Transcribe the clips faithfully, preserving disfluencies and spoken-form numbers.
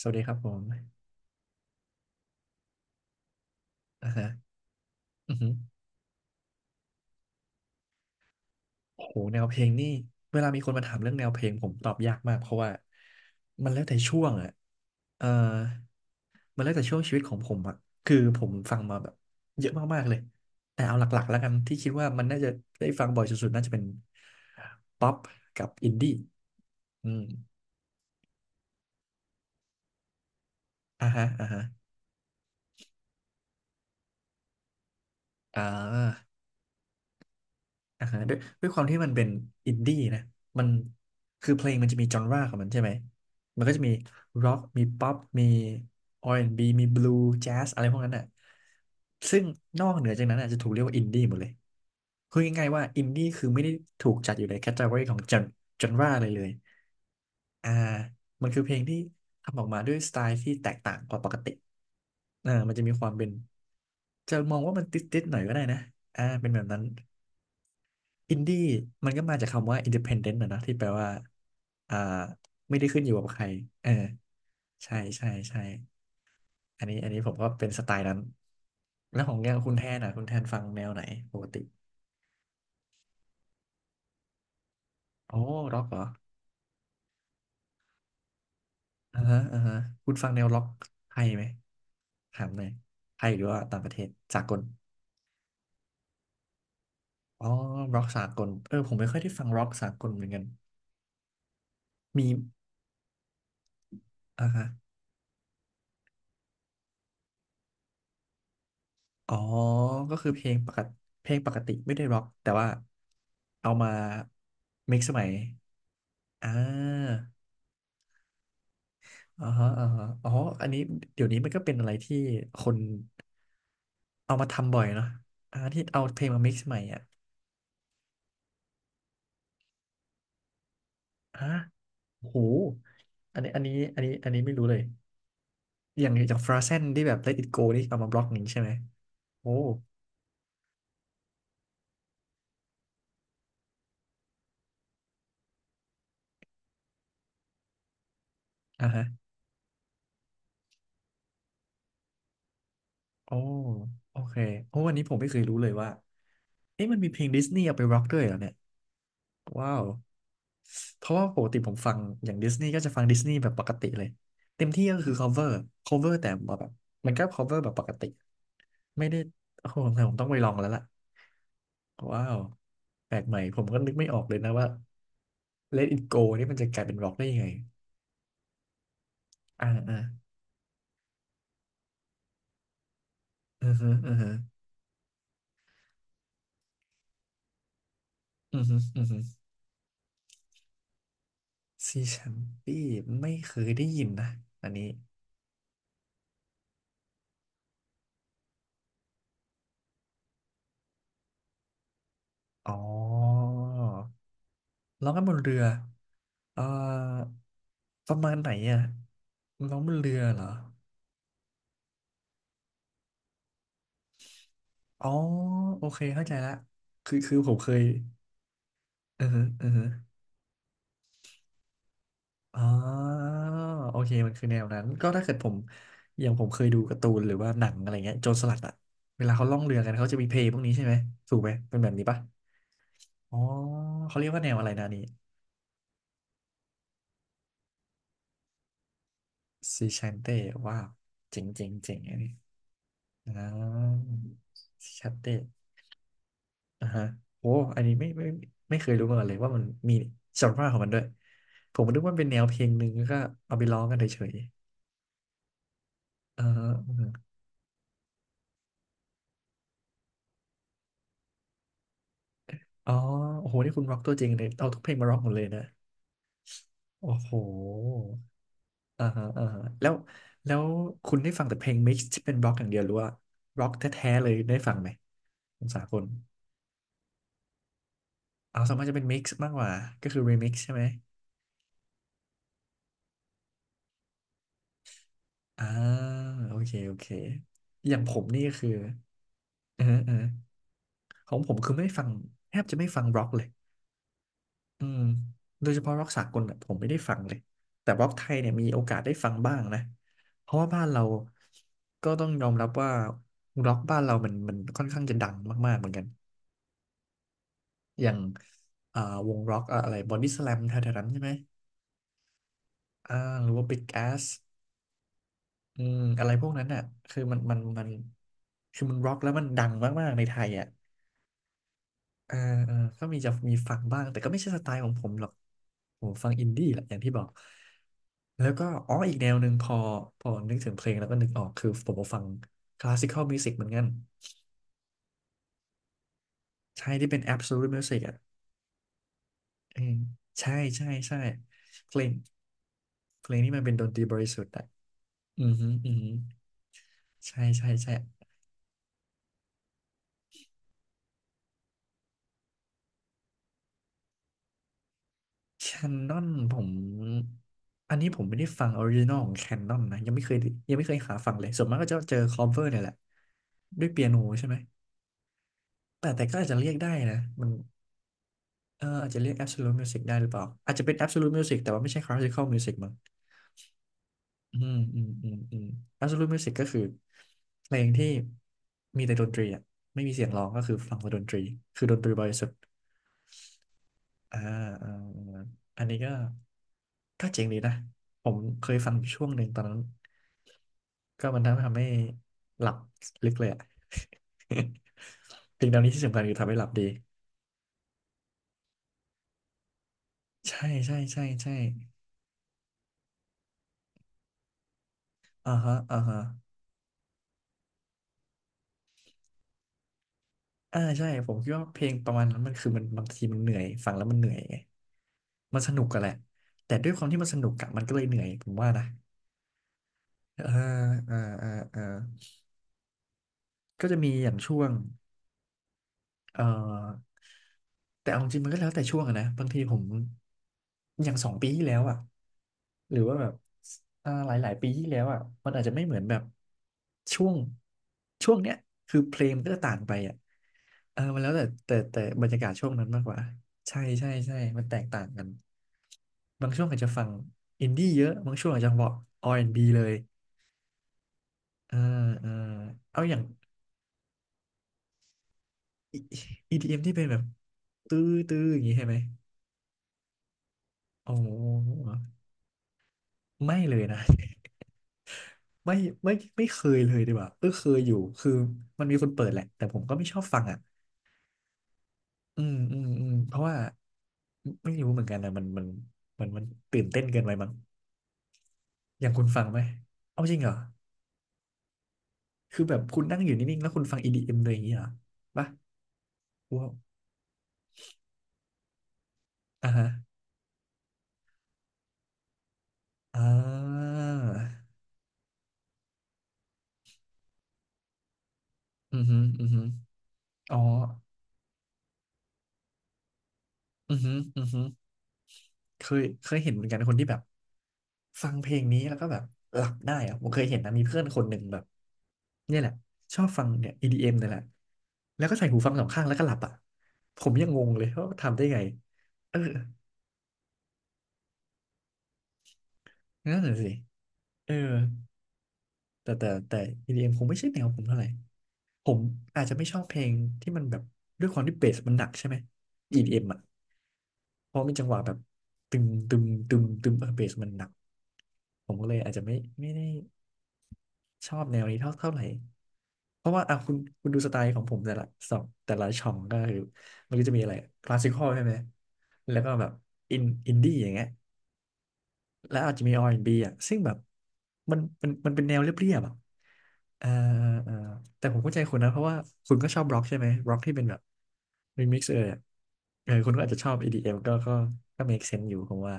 สวัสดีครับผมอ่าฮะอือหือโอ้โหแนวเพลงนี่ เวลามีคนมาถามเรื่องแนวเพลงผมตอบยากมากเพราะว่ามันแล้วแต่ช่วงอะเออมันแล้วแต่ช่วงชีวิตของผมอะคือผมฟังมาแบบเยอะมากๆเลยแต่เอาหลักๆแล้วกันที่คิดว่ามันน่าจะได้ฟังบ่อยสุดๆน่าจะเป็นป๊อปกับอินดี้อืมอ่าฮะอ่าฮะอ่า อ่าฮะด้วยด้วยความที่มันเป็นอินดี้นะมันคือเพลงมันจะมีจอนราของมันใช่ไหมมันก็จะมีร็อกมีป๊อปมีอาร์แอนด์บ b มีบลูแจ๊สอะไรพวกนั้นอ่ะซึ่งนอกเหนือจากนั้นอ่ะจะถูกเรียกว่าอินดี้หมดเลยคือง่ายๆว่าอินดี้คือไม่ได้ถูกจัดอยู่ในแคตตา o r y ของจอนจอนราเลยเลยอ่ามันคือเพลงที่ทำออกมาด้วยสไตล์ที่แตกต่างกว่าปกติอ่ามันจะมีความเป็นจะมองว่ามันติดๆหน่อยก็ได้นะอ่าเป็นแบบนั้น อินดี้มันก็มาจากคำว่า independent นะเนอะที่แปลว่าอ่าไม่ได้ขึ้นอยู่กับใครเออใช่ใช่ใช่อันนี้อันนี้ผมก็เป็นสไตล์นั้นแล้วของเนี่ยคุณแทนอ่ะคุณแทนฟังแนวไหนปกติโอ้ร็อกเหรออ่าฮะอ่าฮะคุณฟังแนวร็อกไทยไหมถามหน่อยไทยหรือว่าต่างประเทศสากลอ๋อร็อกสากลเออผมไม่ค่อยได้ฟังร็อกสากลเหมือนกันมีอ่าฮะ อ๋อก็คือเพลงปกติเพลงปกติไม่ได้ร็อกแต่ว่าเอามา mix สมัยอ่าอ๋อฮะออฮะอ๋ออันนี้เดี๋ยวนี้มันก็เป็นอะไรที่คนเอามาทำบ่อยเนาะอ่าที่เอาเพลงมา mix ใหม่อ่ะฮะโอ้โหอันนี้อันนี้อันนี้อันนี้ไม่รู้เลยอย่างอย่างฟราเซนที่แบบ Let It Go นี่เอามาบล็อกอย่างนี้ใช่ไหมโอ้อ่าฮะโอ้โอเคโอ้วันนี้ผมไม่เคยรู้เลยว่าเอ๊ะมันมีเพลงดิสนีย์เอาไปร็อกด้วยเหรอเนี่ย ว้าว เพราะว่าปกติผมฟังอย่างดิสนีย์ก็จะฟังดิสนีย์แบบปกติเลยเต็มที่ก็คือ cover cover แต่ว่าแบบมันก็ cover แบบปกติไม่ได้โอ้โหสงสัยผมต้องไปลองแล้วล่ะว้าวแปลกใหม่ผมก็นึกไม่ออกเลยนะว่า Let It Go นี่มันจะกลายเป็นร็อกได้ยังไงอ่าอ่าอือฮึอือฮึอือฮึอือฮึซีแชมปี้ไม่เคยได้ยินนะอันนี้อ๋อ ร้องกันบนเรือ เอ่อประมาณไหนอ่ะร้องบนเรือเหรออ๋อโอเคเข้าใจละคือคือผมเคยอือฮึอือฮึอ๋อโอเคมันคือแนวนั้นก็ถ้าเกิดผมอย่างผมเคยดูการ์ตูนหรือว่าหนังอะไรเงี้ยโจรสลัดอ่ะเวลาเขาล่องเรือกันเขาจะมีเพลงพวกนี้ใช่ไหมถูกไหมเป็นแบบนี้ปะอ๋อเขาเรียกว่าแนวอะไรนะอันนี่ซีชันเต้ว้าวเจ๋งเจ๋งเจ๋งอันนี้อ่าซีชันเต้ อ่าฮะโอ้อันนี้ไม่ไม่ไม่ไม่เคยรู้มาก่อนเลยว่ามันมีจอนราวด์ของมันด้วย ผมนึกว่าเป็นแนวเพลงหนึ่งแล้วก็เอาไปร้องกันเฉยๆอ่าอมอ๋อโอ้โหนี่คุณร็อกตัวจริงเลยเอาทุกเพลงมาร็อกหมดเลยนะ โอ้โห อ่าฮะอ่าฮะแล้วแล้วคุณได้ฟังแต่เพลงมิกซ์ที่เป็นร็อกอย่างเดียวหรือว่าร็อกแท้ๆเลยได้ฟังไหมของสากลเอาส่วนมากจะเป็นมิกซ์มากกว่า ก็คือรีมิกซ์ใช่ไหมอ่าโอเคโอเคอย่างผมนี่ก็คือเออเออ ของผมคือไม่ฟังแทบจะไม่ฟังร็อกเลยอืมโดยเฉพาะร็อกสากลน่ะผมไม่ได้ฟังเลย แต่ร็อกไทยเนี่ยมีโอกาสได้ฟังบ้างนะ เพราะว่าบ้านเราก็ต้องยอมรับว่าร็อกบ้านเรามันมันค่อนข้างจะดังมากๆเหมือนกัน อย่างอ่าวงร็อกอะไรบอดี้สแลมแถวๆนั้นใช่ไหมอ่าหรือว่าบิ๊กแอสอืมอะไรพวกนั้นอ่ะคือมันมันมันคือมันร็อกแล้วมันดังมากๆในไทยอ่ะ เออเออก็มีจะมีฟังบ้างแต่ก็ไม่ใช่สไตล์ของผมหรอกผมฟังอินดี้แหละอย่างที่บอกแล้วก็อ๋ออีกแนวหนึ่งพอพอนึกถึงเพลงแล้วก็นึกออกคือผมก็ฟังคลาสสิคอลมิวสิกเหมือนกันใช่ที่เป็น Absolute Music อ่ะเออใช่ใช่ใช่เพลงเพลงนี้มันเป็นดนตรีบริสุทธิ์อ่ะอือฮึอือฮึใช่ใช่ใช่ แคนนอนผมอันนี้ผมไม่ได้ฟังออริจินอลของแคนนอนนะยังไม่เคยยังไม่เคยหาฟังเลยส่วนมากก็จะเจอคอเวอร์เนี่ยแหละด้วยเปียโนใช่ไหมแต่แต่ก็อาจจะเรียกได้นะมันเอออาจจะเรียก Absolute Music ได้หรือเปล่าอาจจะเป็น Absolute Music แต่ว่าไม่ใช่ Classical Music มั้งอืมอืมอืมอืม Absolute Music ก็คือเพลงที่มีแต่ดนตรีอ่ะไม่มีเสียงร้องก็คือฟังแต่ดนตรีคือดนตรีบริสุทธิ์ อ่าอ่าอาอันนี้ก็ก็เจ๋งดีนะ ผมเคยฟังอยู่ช่วงหนึ่งตอนนั้นก็มันทำทำให้หลับลึกเลยอะ สิ่งเหล่านี้ที่สำคัญคือทำให้หลับดีใช่ใช่ใช่ใช่อ่าฮะอ่าฮะอ่าใช่ผมคิดว่าเพลงประมาณนั้นมันคือมันบางทีมันเหนื่อยฟังแล้วมันเหนื่อยไงมันสนุกกันแหละแต่ด้วยความที่มันสนุกอะมันก็เลยเหนื่อยผมว่านะอ่าอ่าอ่าอ่าก็จะมีอย่างช่วงเอ่อ แต่เอาจริงมันก็แล้วแต่ช่วงอะนะบางทีผมอย่างสองปีที่แล้วอ่ะหรือว่าแบบอ่าหลายหลายปีที่แล้วอ่ะมันอาจจะไม่เหมือนแบบช่วงช่วงเนี้ยคือเพลงมันก็ต่างไปอ่ะเออมันแล้วแต่แต่แต่บรรยากาศช่วงนั้นมากกว่าใช่ใช่ใช่มันแตกต่างกันบางช่วงอาจจะฟังอินดี้เยอะบางช่วงอาจจะบอก อาร์ แอนด์ บี เลยเอ่าออเอาอย่าง E- อี ดี เอ็ม ที่เป็นแบบตื้อตื้ออย่างนี้ใช่ไหมโอ้โหไม่เลยนะ ไม่ไม่ไม่เคยเลยดีกว่าเออเคยอยู่คือมันมีคนเปิดแหละแต่ผมก็ไม่ชอบฟังอ่ะอืมอืมอืมเพราะว่าไม่รู้เหมือนกันนะมันมันมันมันตื่นเต้นเกินไปมั้งอย่างคุณฟังไหมเอาจริงเหรอคือแบบคุณนั่งอยู่นิ่งๆแล้วคุณฟัง อี ดี เอ็ม เอ็มเลยอย่างนี้เหรอปะว้าวอ่าฮะอ่าอือฮึอือฮึอ๋ออือฮึอือฮึ เคยเคยเห็นเหมือนกันคนที่แบบฟังเพลงนี้แล้วก็แบบหลับได้อะผมเคยเห็นนะมีเพื่อนคนหนึ่งแบบเนี่ยแหละชอบฟังเนี่ย อี ดี เอ็ม เอ็มเนี่ยแหละแล้วก็ใส่หูฟังสองข้างแล้วก็หลับอ่ะผมยังงงเลยว่าทำได้ไงเออนั่นแหละสิเออแต่แต่แต่ อี ดี เอ็ม คงไม่ใช่แนวผมเท่าไหร่ ผมอาจจะไม่ชอบเพลงที่มันแบบด้วยความที่เบสมันหนักใช่ไหม อี ดี เอ็ม อมอ่ะ เพราะมันจังหวะแบบตึมตึมตึมตึมเออเบสมันหนัก ผมก็เลยอาจจะไม่ไม่ได้ชอบแนวนี้เท่าเท่าไหร่ เพราะว่าอ่ะคุณคุณดูสไตล์ของผมแต่ละสองแต่ละช่องก็คือมันก็จะมีอะไรคลาสสิคอลใช่ไหมแล้วก็แบบอินอินดี้อย่างเงี้ย แล้วอาจจะมี อาร์ แอนด์ บี อนด์บีอ่ะซึ่งแบบมันมันมันเป็นแนวเรียบๆอ่ะเอ่อเอ่อแต่ผมเข้าใจคุณนะเพราะว่าคุณก็ชอบบล็อกใช่ไหมบล็อกที่เป็นแบบรีมิกซ์เอยอะเออคุณก็อาจจะชอบ อี ดี เอ็ม ก็ก็ก็ make sense อยู่ผมว่า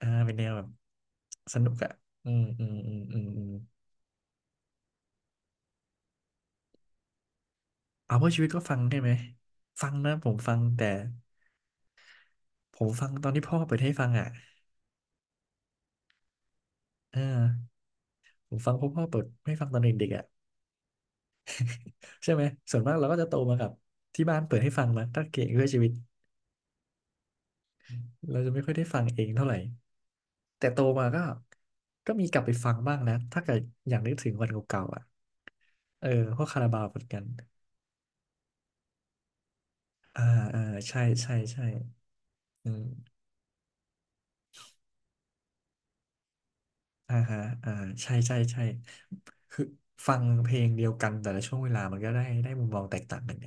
อ่าเป็นแนวแบบสนุกอ่ะอืมอืมอืมอืมอืมเอาเพื่อชีวิตก็ฟังใช่ไหมฟังนะผมฟังแต่ผมฟังตอนที่พ่อเปิดให้ฟังอ่ะเออผมฟังเพราะพ่อเปิดให้ฟังตอนเด็กๆอ่ะใช่ไหมส่วนมากเราก็จะโตมากับที่บ้านเปิดให้ฟังมาตั้งเก่งเพื่อชีวิต เราจะไม่ค่อยได้ฟังเองเท่าไหร่แต่โตมาก็ก็มีกลับไปฟังบ้างนะถ้าเกิดอย่างนึกถึงวันเก่าๆอ่ะเออพวกคาราบาวเหมือนกันอ่าอ่าใช่ใช่ใช่อืมอ่าฮะอ่าใช่ใช่ใช่คือฟังเพลงเดียวกันแต่ละช่วงเวลามันก็ได้ได้มุมมองแตกต่างกันไง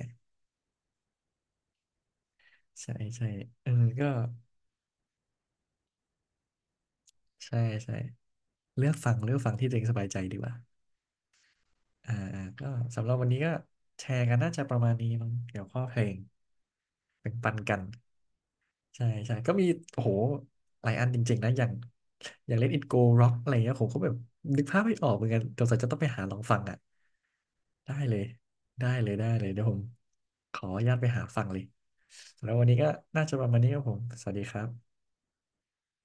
ใช่ใช่เออก็ใช่ใช่เลือกฟังเลือกฟังที่ตัวเองสบายใจดีกว่าอ่าอ่าก็สำหรับวันนี้ก็แชร์กันน่าจะประมาณนี้มั้งเกี่ยวกับข้อเพลงแบ่งปันกัน ใช่ใช่ก็มีโอ้โหหลายอันจริงๆนะอย่างอย่าง Let It Go Rock อะไรเงี้ยผมก็แบบนึกภาพไม่ออกเหมือนกันสงสัยจะต้องไปหาลองฟังอ่ะได้เลยได้เลยได้เลยเดี๋ยวผมขออนุญาตไปหาฟังเลยแล้ววันนี้ก็น่าจะประมาณนี้ครับผมสวัสดีครับ